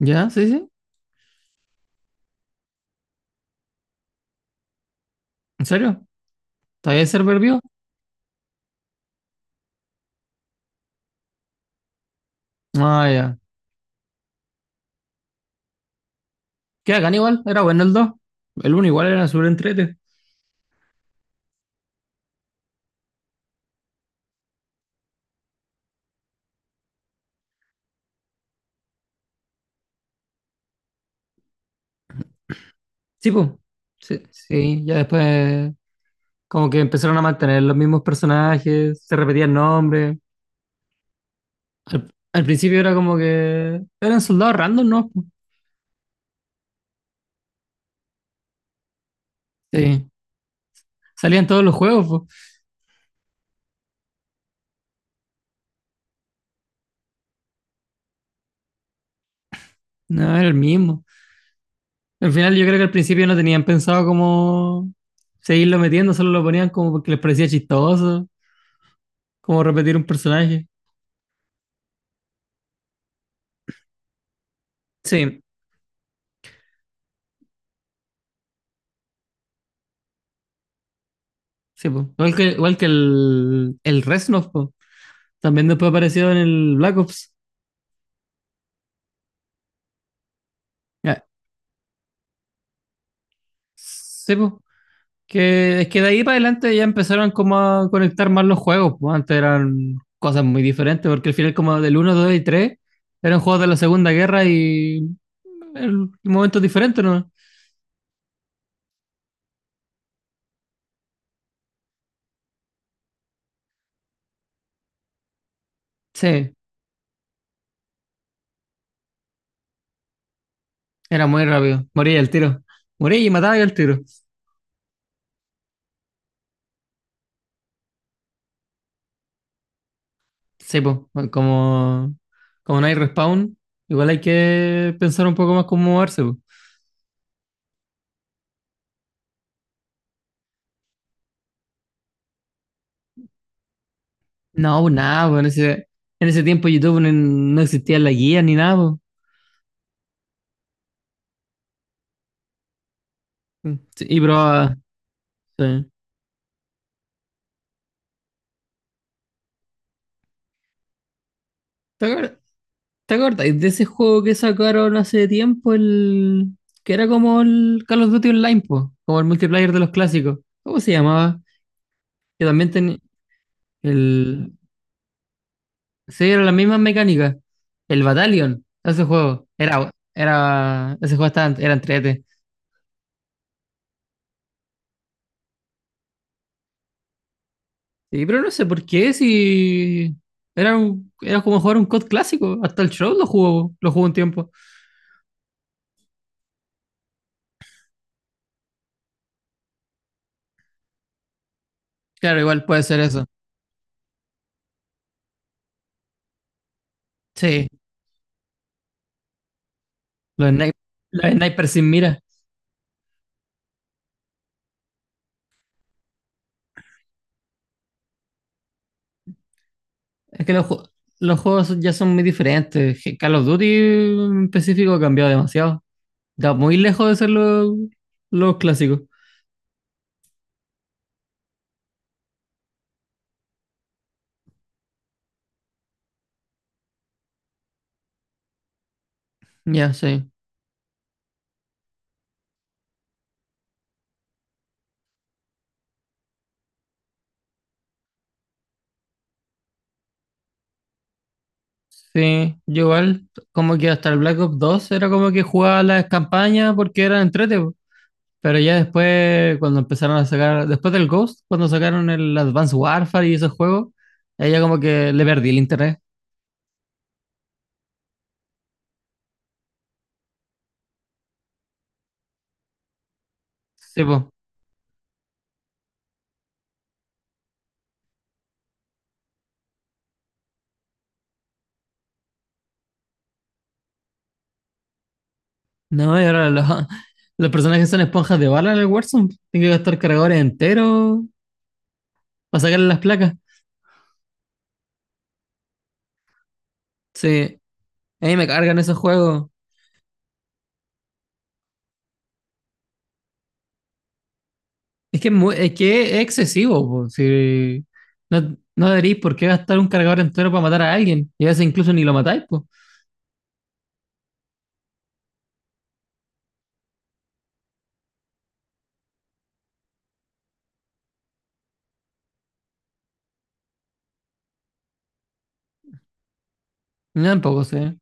Ya, sí, sí. ¿En serio? ¿Todavía el server vivo? Ah, ya. Que hagan igual, era bueno el 2. El uno igual era súper entrete. Sí, pues. Sí, sí, ya después como que empezaron a mantener los mismos personajes, se repetían nombres. Al principio era como que eran soldados random, ¿no? po. Sí, salían todos los juegos, po. No, era el mismo. Al final yo creo que al principio no tenían pensado como seguirlo metiendo, solo lo ponían como porque les parecía chistoso, como repetir un personaje. Sí. Sí, po. Igual que el Reznov, po. También después apareció en el Black Ops. Ya. Sí, po. Que es que de ahí para adelante ya empezaron como a conectar más los juegos, po. Antes eran cosas muy diferentes, porque al final como del uno 2 y 3 eran juegos de la Segunda Guerra y en momentos diferentes, ¿no? Sí, era muy rápido. Moría al tiro. Moría y mataba al tiro. Sí, pues. Como, como no hay respawn, igual hay que pensar un poco más cómo moverse, po. No, pues nada, pues en ese tiempo YouTube no existía la guía ni nada, pues. Sí, y probaba. Sí. ¿Te acuer- te acuerdas de ese juego que sacaron hace tiempo, el que era como el Call of Duty Online, ¿po? Como el multiplayer de los clásicos? ¿Cómo se llamaba? Que también tenía el. Sí, era la misma mecánica. El Battalion, ese juego. Ese juego estaba, era entrete. Sí, pero no sé por qué, si era como jugar un COD clásico, hasta el show lo jugó un tiempo. Claro, igual puede ser eso. Sí, los snipers, los snipers sin mira. Es que los juegos ya son muy diferentes. Call of Duty en específico ha cambiado demasiado. Está muy lejos de ser los clásicos. Ya, sí. Sí, yo igual, como que hasta el Black Ops 2 era como que jugaba las campañas porque eran entrete. Pero ya después, cuando empezaron a sacar, después del Ghost, cuando sacaron el Advanced Warfare y esos juegos, ahí ya como que le perdí el interés. Sí, pues. No, y ahora los, los personajes son esponjas de bala en el Warzone. Tengo que gastar cargadores enteros para sacarle las placas. Sí, a mí me cargan esos juegos. Es que es excesivo, po. Si no deberíais por qué gastar un cargador entero para matar a alguien. Y a veces incluso ni lo matáis, pues. No, tampoco sé.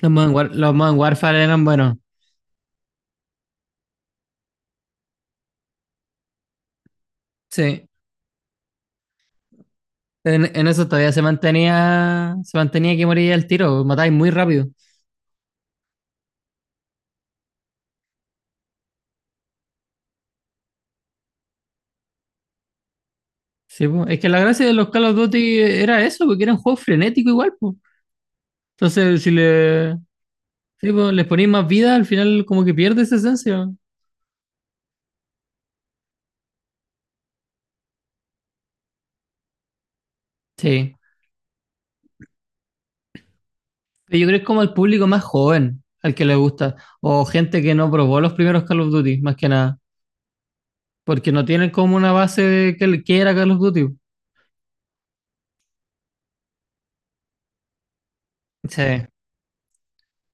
Los Modern Warfare eran buenos. Sí. En eso todavía se mantenía que moría el tiro, pues, matáis muy rápido. Sí, po. Es que la gracia de los Call of Duty era eso, porque eran juegos frenéticos igual, po. Entonces, si le, sí, po, les ponéis más vida, al final como que pierde esa esencia. Sí. Pero yo creo que es como el público más joven al que le gusta, o gente que no probó los primeros Call of Duty, más que nada, porque no tienen como una base de que era Call of Duty. Sí.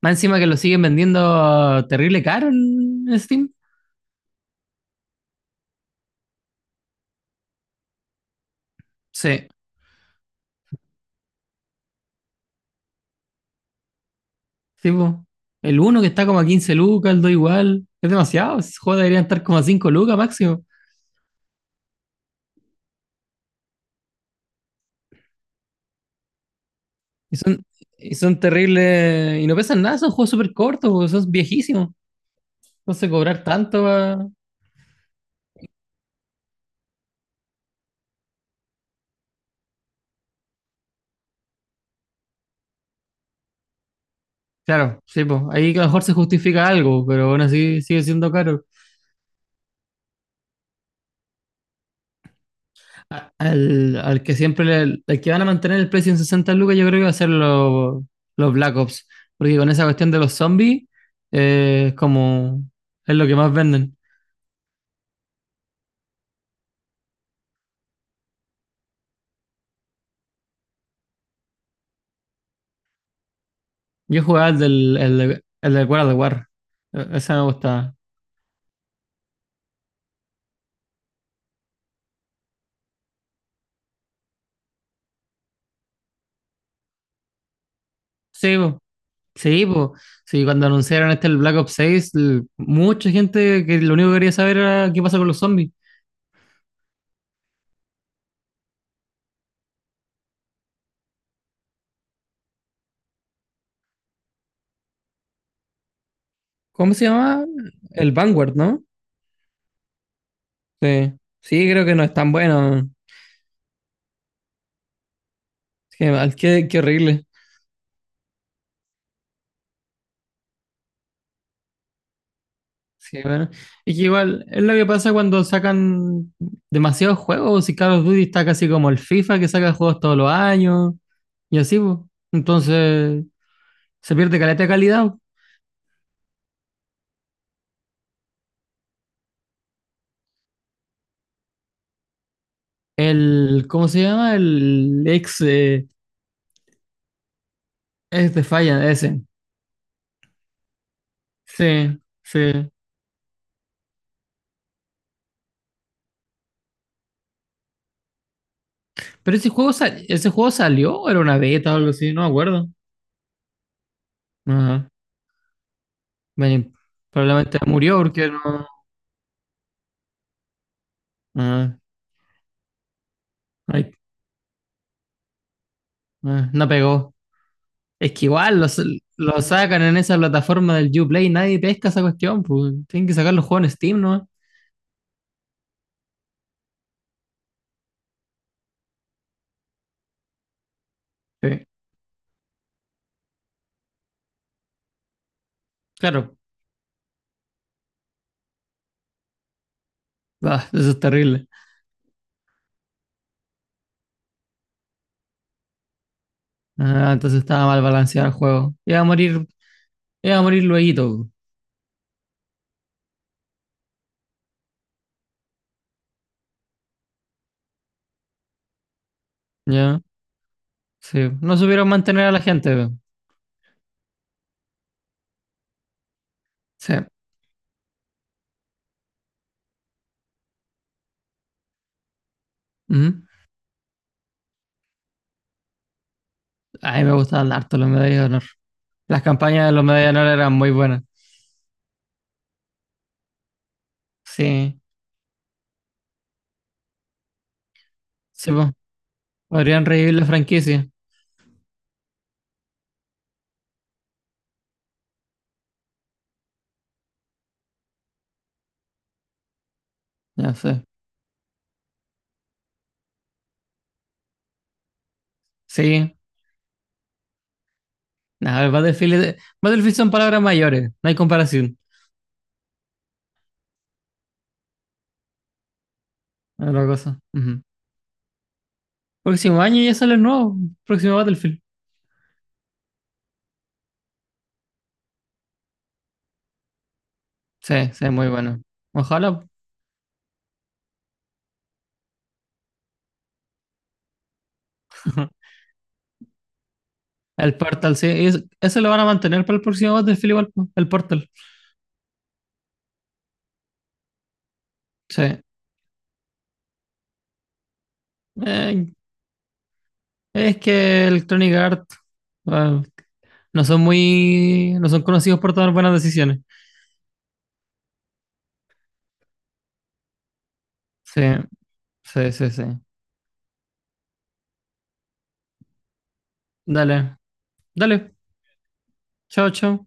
Más encima que lo siguen vendiendo terrible caro en Steam. Sí. Sí, po. El uno que está como a 15 lucas, el 2 igual. Es demasiado. Esos juegos deberían estar como a 5 lucas máximo. Y son, y son terribles. Y no pesan nada, son juegos súper cortos, po, son viejísimos. Entonces cobrar tanto pa. Claro, sí, pues. Ahí que a lo mejor se justifica algo, pero aún así sigue siendo caro. Al que siempre al que van a mantener el precio en 60 lucas, yo creo que va a ser los Black Ops. Porque con esa cuestión de los zombies, es como. Es lo que más venden. Yo jugaba el del World of War. Ese me gustaba. Sí, po. Sí, po. Sí, cuando anunciaron el Black Ops seis mucha gente que lo único que quería saber era qué pasa con los zombies. ¿Cómo se llama? El Vanguard, ¿no? Sí. Sí, creo que no es tan bueno. Qué mal, qué horrible. Sí, bueno. Es que igual, es lo que pasa cuando sacan demasiados juegos. Y Call of Duty está casi como el FIFA que saca juegos todos los años. Y así, pues. Entonces, se pierde caleta de calidad. El, ¿cómo se llama? El ex Defiant, ese. Sí, sí. Pero ese juego salió, o era una beta o algo así, no me acuerdo. Ajá. Bueno, probablemente murió porque no. Ajá. Ay, no pegó. Es que igual lo sacan en esa plataforma del Uplay, nadie pesca esa cuestión, pues tienen que sacar los juegos en Steam, ¿no? Sí. Claro, ah, eso es terrible. Ah, entonces estaba mal balanceado el juego. Iba a morir luego, ¿ya? Sí, no supieron mantener a la gente, po. Sí. Ujú. A mí me gustaban harto los medallas de honor. Las campañas de los medallas de honor eran muy buenas. Sí, sí, po. Podrían revivir la franquicia. Ya sé. Sí. Nada, el Battlefield, Battlefield son palabras mayores. No hay comparación. Otra cosa. Ujú. Próximo año ya sale el nuevo. Próximo Battlefield. Sí, sí, muy bueno. Ojalá. El Portal, sí. Eso lo van a mantener para el próximo Battlefield igual, po. El Portal. Sí. Eh, es que Electronic Arts. Bueno, no son muy. No son conocidos por tomar buenas decisiones. Sí, sí, sí, sí. Dale, dale. Chao, chao.